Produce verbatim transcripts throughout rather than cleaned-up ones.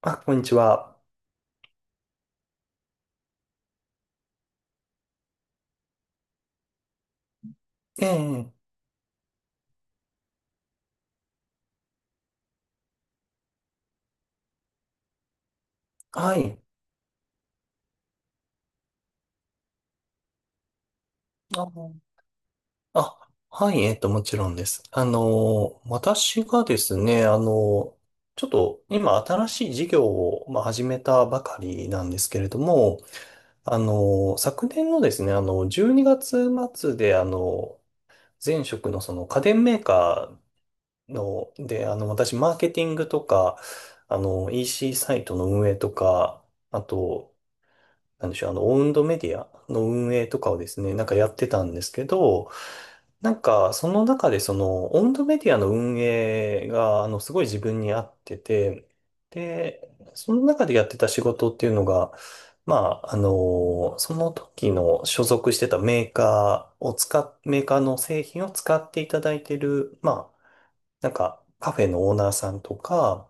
あ、こんにちは。ええ、はい。あ、あはい、えっと、もちろんです。あの、私がですね、あの、ちょっと今新しい事業を、まあ、始めたばかりなんですけれども、あの、昨年のですね、あの、じゅうにがつ末で、あの、前職のその家電メーカーの、で、あの、私、マーケティングとか、あの、イーシー サイトの運営とか、あと、なんでしょう、あの、オウンドメディアの運営とかをですね、なんかやってたんですけど、なんか、その中で、その、オウンドメディアの運営が、あの、すごい自分に合ってて、で、その中でやってた仕事っていうのが、まあ、あの、その時の所属してたメーカーを使っ、メーカーの製品を使っていただいてる、まあ、なんか、カフェのオーナーさんとか、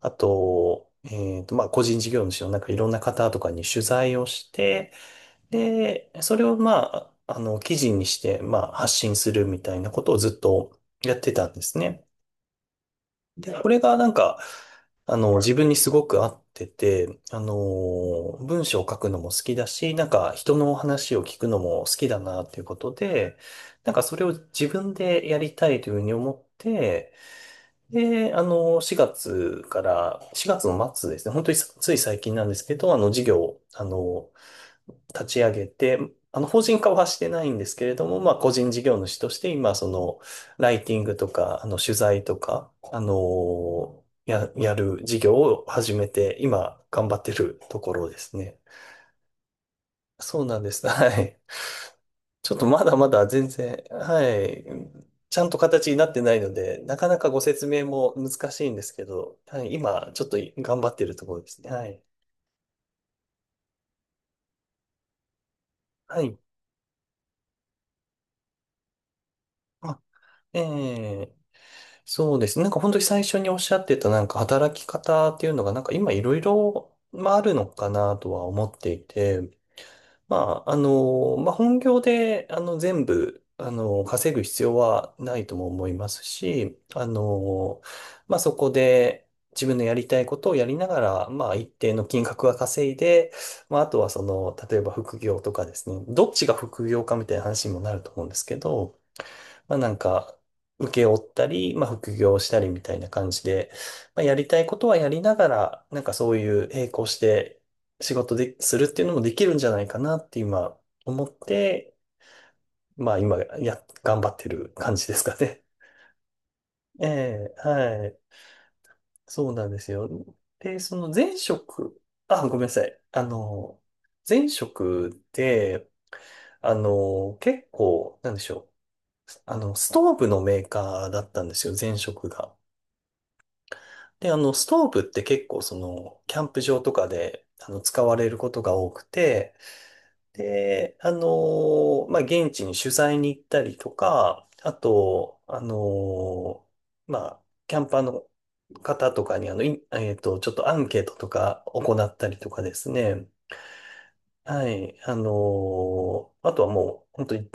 あと、えっと、まあ、個人事業主のなんかいろんな方とかに取材をして、で、それをまあ、あの、記事にして、まあ、発信するみたいなことをずっとやってたんですね。で、これがなんか、あの、自分にすごく合ってて、あの、文章を書くのも好きだし、なんか人の話を聞くのも好きだなっていうことで、なんかそれを自分でやりたいというふうに思って、で、あの、しがつから、しがつの末ですね、本当にさつい最近なんですけど、あの、事業を、あの、立ち上げて、あの、法人化はしてないんですけれども、まあ、個人事業主として、今、その、ライティングとか、あの、取材とか、あの、や、やる事業を始めて、今、頑張ってるところですね。そうなんです。はい。ちょっとまだまだ全然、はい、ちゃんと形になってないので、なかなかご説明も難しいんですけど、はい、今、ちょっと頑張ってるところですね。はい。はい。あ、ええ、そうですね。なんか本当に最初におっしゃってた、なんか働き方っていうのが、なんか今いろいろ、まあ、あるのかなとは思っていて、まあ、あの、まあ、本業で、あの、全部、あの、稼ぐ必要はないとも思いますし、あの、まあ、そこで自分のやりたいことをやりながら、まあ、一定の金額は稼いで、まあ、あとはその、例えば副業とかですね、どっちが副業かみたいな話にもなると思うんですけど、まあなんか、受け負ったり、まあ副業したりみたいな感じで、まあやりたいことはやりながら、なんかそういう並行して仕事で、するっていうのもできるんじゃないかなって今思って、まあ今や、頑張ってる感じですかね。ええ、はい。そうなんですよ。で、その前職、あ、ごめんなさい。あの、前職で、あの、結構、なんでしょう。あの、ストーブのメーカーだったんですよ、前職が。で、あの、ストーブって結構その、キャンプ場とかで、あの、使われることが多くて、で、あの、まあ、現地に取材に行ったりとか、あと、あの、まあ、キャンパーの方とかに、あの、いえっと、ちょっとアンケートとか行ったりとかですね。はい。あの、あとはもう、本当に、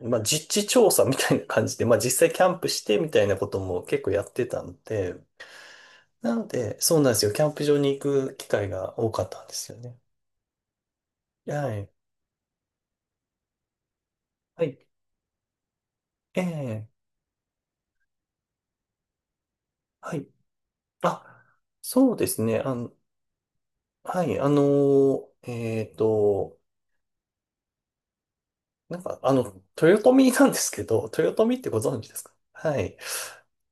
まあ、実地調査みたいな感じで、まあ、実際キャンプしてみたいなことも結構やってたので、なので、そうなんですよ。キャンプ場に行く機会が多かったんですよね。はい。はい。ええ、はい。あ、そうですね。あの、はい。あのー、えっと、なんか、あの、豊臣なんですけど、豊臣ってご存知ですか？はい。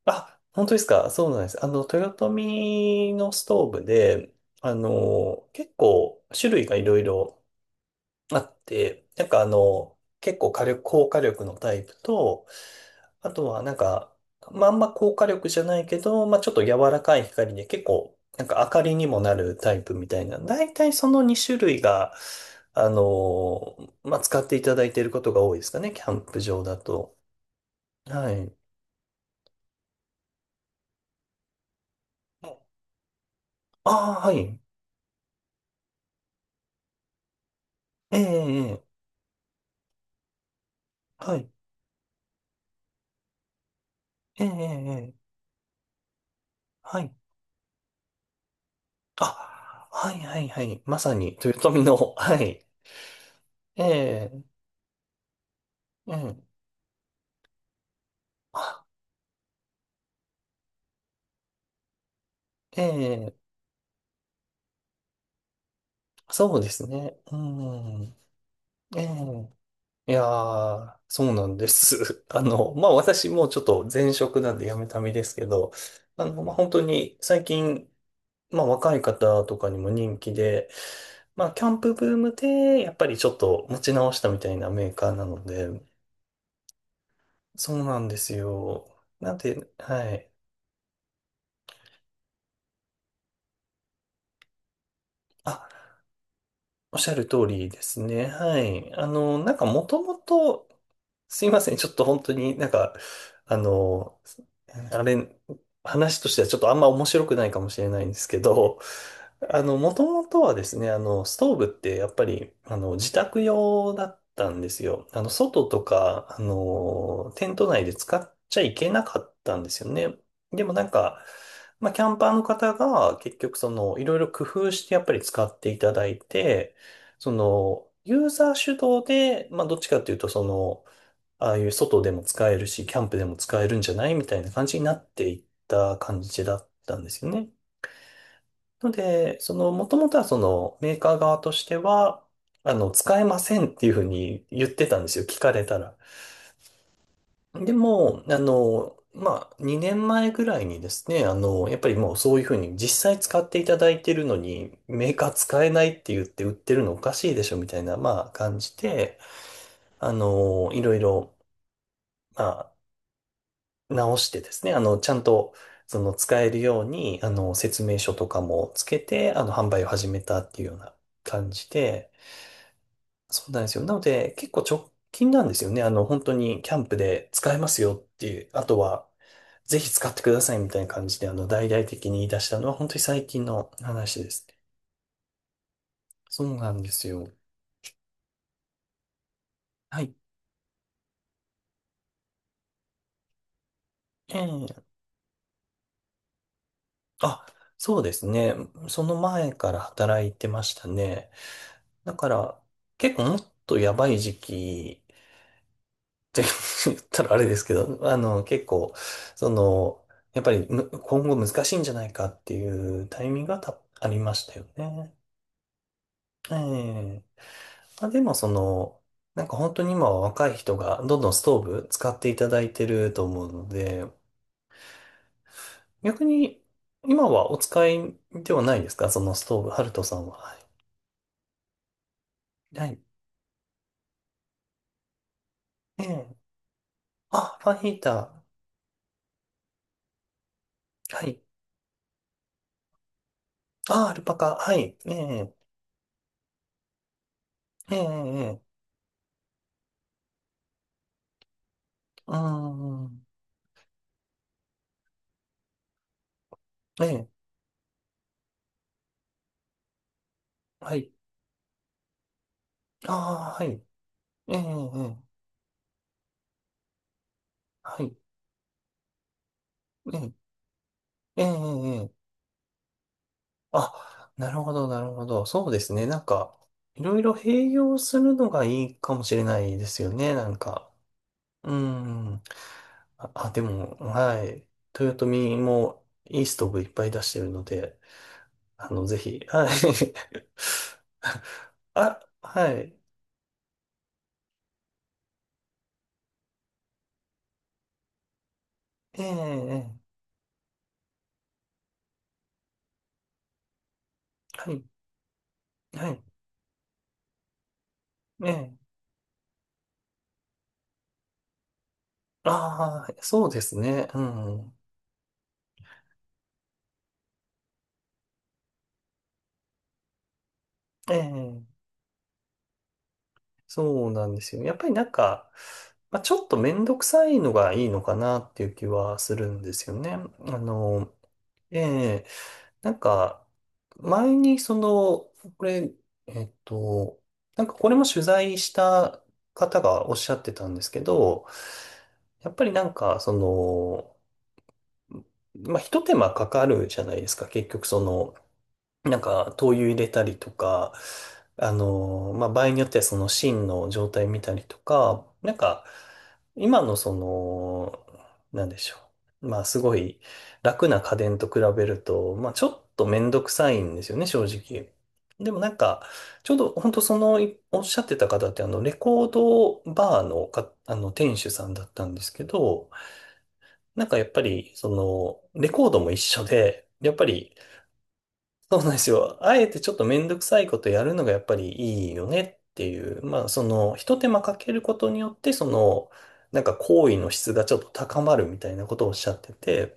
あ、本当ですか？そうなんです。あの、豊臣のストーブで、あのー、結構種類がいろいろあって、なんかあの、結構火力、高火力のタイプと、あとはなんか、まあ、あんま高火力じゃないけど、まあ、ちょっと柔らかい光で結構、なんか明かりにもなるタイプみたいな。だいたいそのに種類が、あの、まあ、使っていただいていることが多いですかね、キャンプ場だと。はい。ああ、はい。ええ、ええ、はい。ええ、ええ、ええはい。あ、はい、はい、はい。まさに、豊臣の、はい。ええ、ええ。はいええ、そうですね。うん。ええ、いやー、そうなんです。あの、まあ、私もちょっと前職なんで辞めた身ですけど、あの、まあ、本当に最近、まあ、若い方とかにも人気で、まあ、キャンプブームで、やっぱりちょっと持ち直したみたいなメーカーなので、そうなんですよ。なんで、はい。あ、おっしゃる通りですね。はい。あの、なんかもともと、すいません。ちょっと本当になんか、あの、あれ、話としてはちょっとあんま面白くないかもしれないんですけど、あの、もともとはですね、あの、ストーブってやっぱり、あの、自宅用だったんですよ。あの、外とか、あの、テント内で使っちゃいけなかったんですよね。でもなんか、まあ、キャンパーの方が結局その、いろいろ工夫してやっぱり使っていただいて、その、ユーザー主導で、まあ、どっちかっていうと、その、ああいう外でも使えるし、キャンプでも使えるんじゃないみたいな感じになっていった感じだったんですよね。ので、その、もともとはその、メーカー側としては、あの、使えませんっていうふうに言ってたんですよ、聞かれたら。でも、あの、まあ、にねんまえぐらいにですね、あの、やっぱりもうそういうふうに実際使っていただいてるのに、メーカー使えないって言って売ってるのおかしいでしょみたいな、まあ、感じで、あの、いろいろ、まあ、直してですね、あの、ちゃんと、その、使えるように、あの、説明書とかもつけて、あの、販売を始めたっていうような感じで、そうなんですよ。なので、結構直近なんですよね。あの、本当にキャンプで使えますよっていう、あとは、ぜひ使ってくださいみたいな感じで、あの、大々的に言い出したのは、本当に最近の話ですね。そうなんですよ。はい。ええ。あ、そうですね。その前から働いてましたね。だから、結構もっとやばい時期って 言ったらあれですけど、あの、結構、その、やっぱりむ今後難しいんじゃないかっていうタイミングがたありましたよね。ええ。まあ、でもその、なんか本当に今は若い人がどんどんストーブ使っていただいてると思うので、逆に今はお使いではないですか？そのストーブ、ハルトさんは。はい。はい。ええ。あ、ファンヒーター。はい。あ、アルパカ。はい。ええええ、ええ、うーん、ええ、はい。ああ、はい。ええ、ええ、はい。ええ、ええ、ええ。あ、なるほど、なるほど。そうですね。なんか、いろいろ併用するのがいいかもしれないですよね。なんか。うーん。あ、あでも、はい。豊臣もいいストーブいっぱい出してるので、あの、ぜひ、はい。あ、はい。ええ、ええ、はい。はい。ええ。ああ、そうですね。うん。ええ、そうなんですよ。やっぱりなんか、まあ、ちょっとめんどくさいのがいいのかなっていう気はするんですよね。あの、ええ、なんか、前にその、これ、えっと、なんかこれも取材した方がおっしゃってたんですけど、やっぱりなんか、その、まあ、一手間かかるじゃないですか。結局その、なんか、灯油入れたりとか、あの、まあ、場合によってはその芯の状態見たりとか、なんか、今のその、なんでしょう。まあ、すごい楽な家電と比べると、まあ、ちょっとめんどくさいんですよね、正直。でもなんか、ちょうど本当その、いおっしゃってた方って、あの、レコードバーのか、あの、店主さんだったんですけど、なんかやっぱり、その、レコードも一緒で、やっぱり、そうなんですよ。あえてちょっとめんどくさいことやるのがやっぱりいいよねっていう。まあ、その、ひと手間かけることによって、その、なんか行為の質がちょっと高まるみたいなことをおっしゃってて、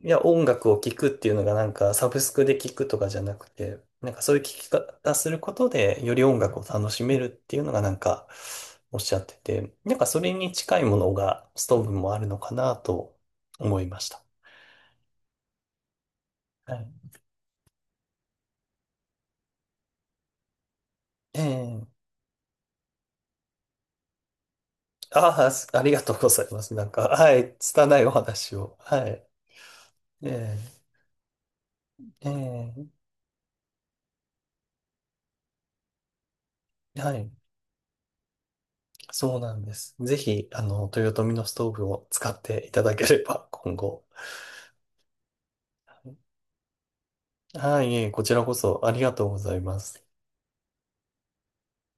いや、音楽を聴くっていうのがなんかサブスクで聴くとかじゃなくて、なんかそういう聴き方することで、より音楽を楽しめるっていうのがなんかおっしゃってて、なんかそれに近いものがストーブもあるのかなと思いました。はい。ええ。ああ、すありがとうございます。なんか、はい、拙いお話を。はい。ええ。ええ、はい。そうなんです。ぜひ、あの、豊臣のストーブを使っていただければ、今後。はい、いえこちらこそありがとうございます。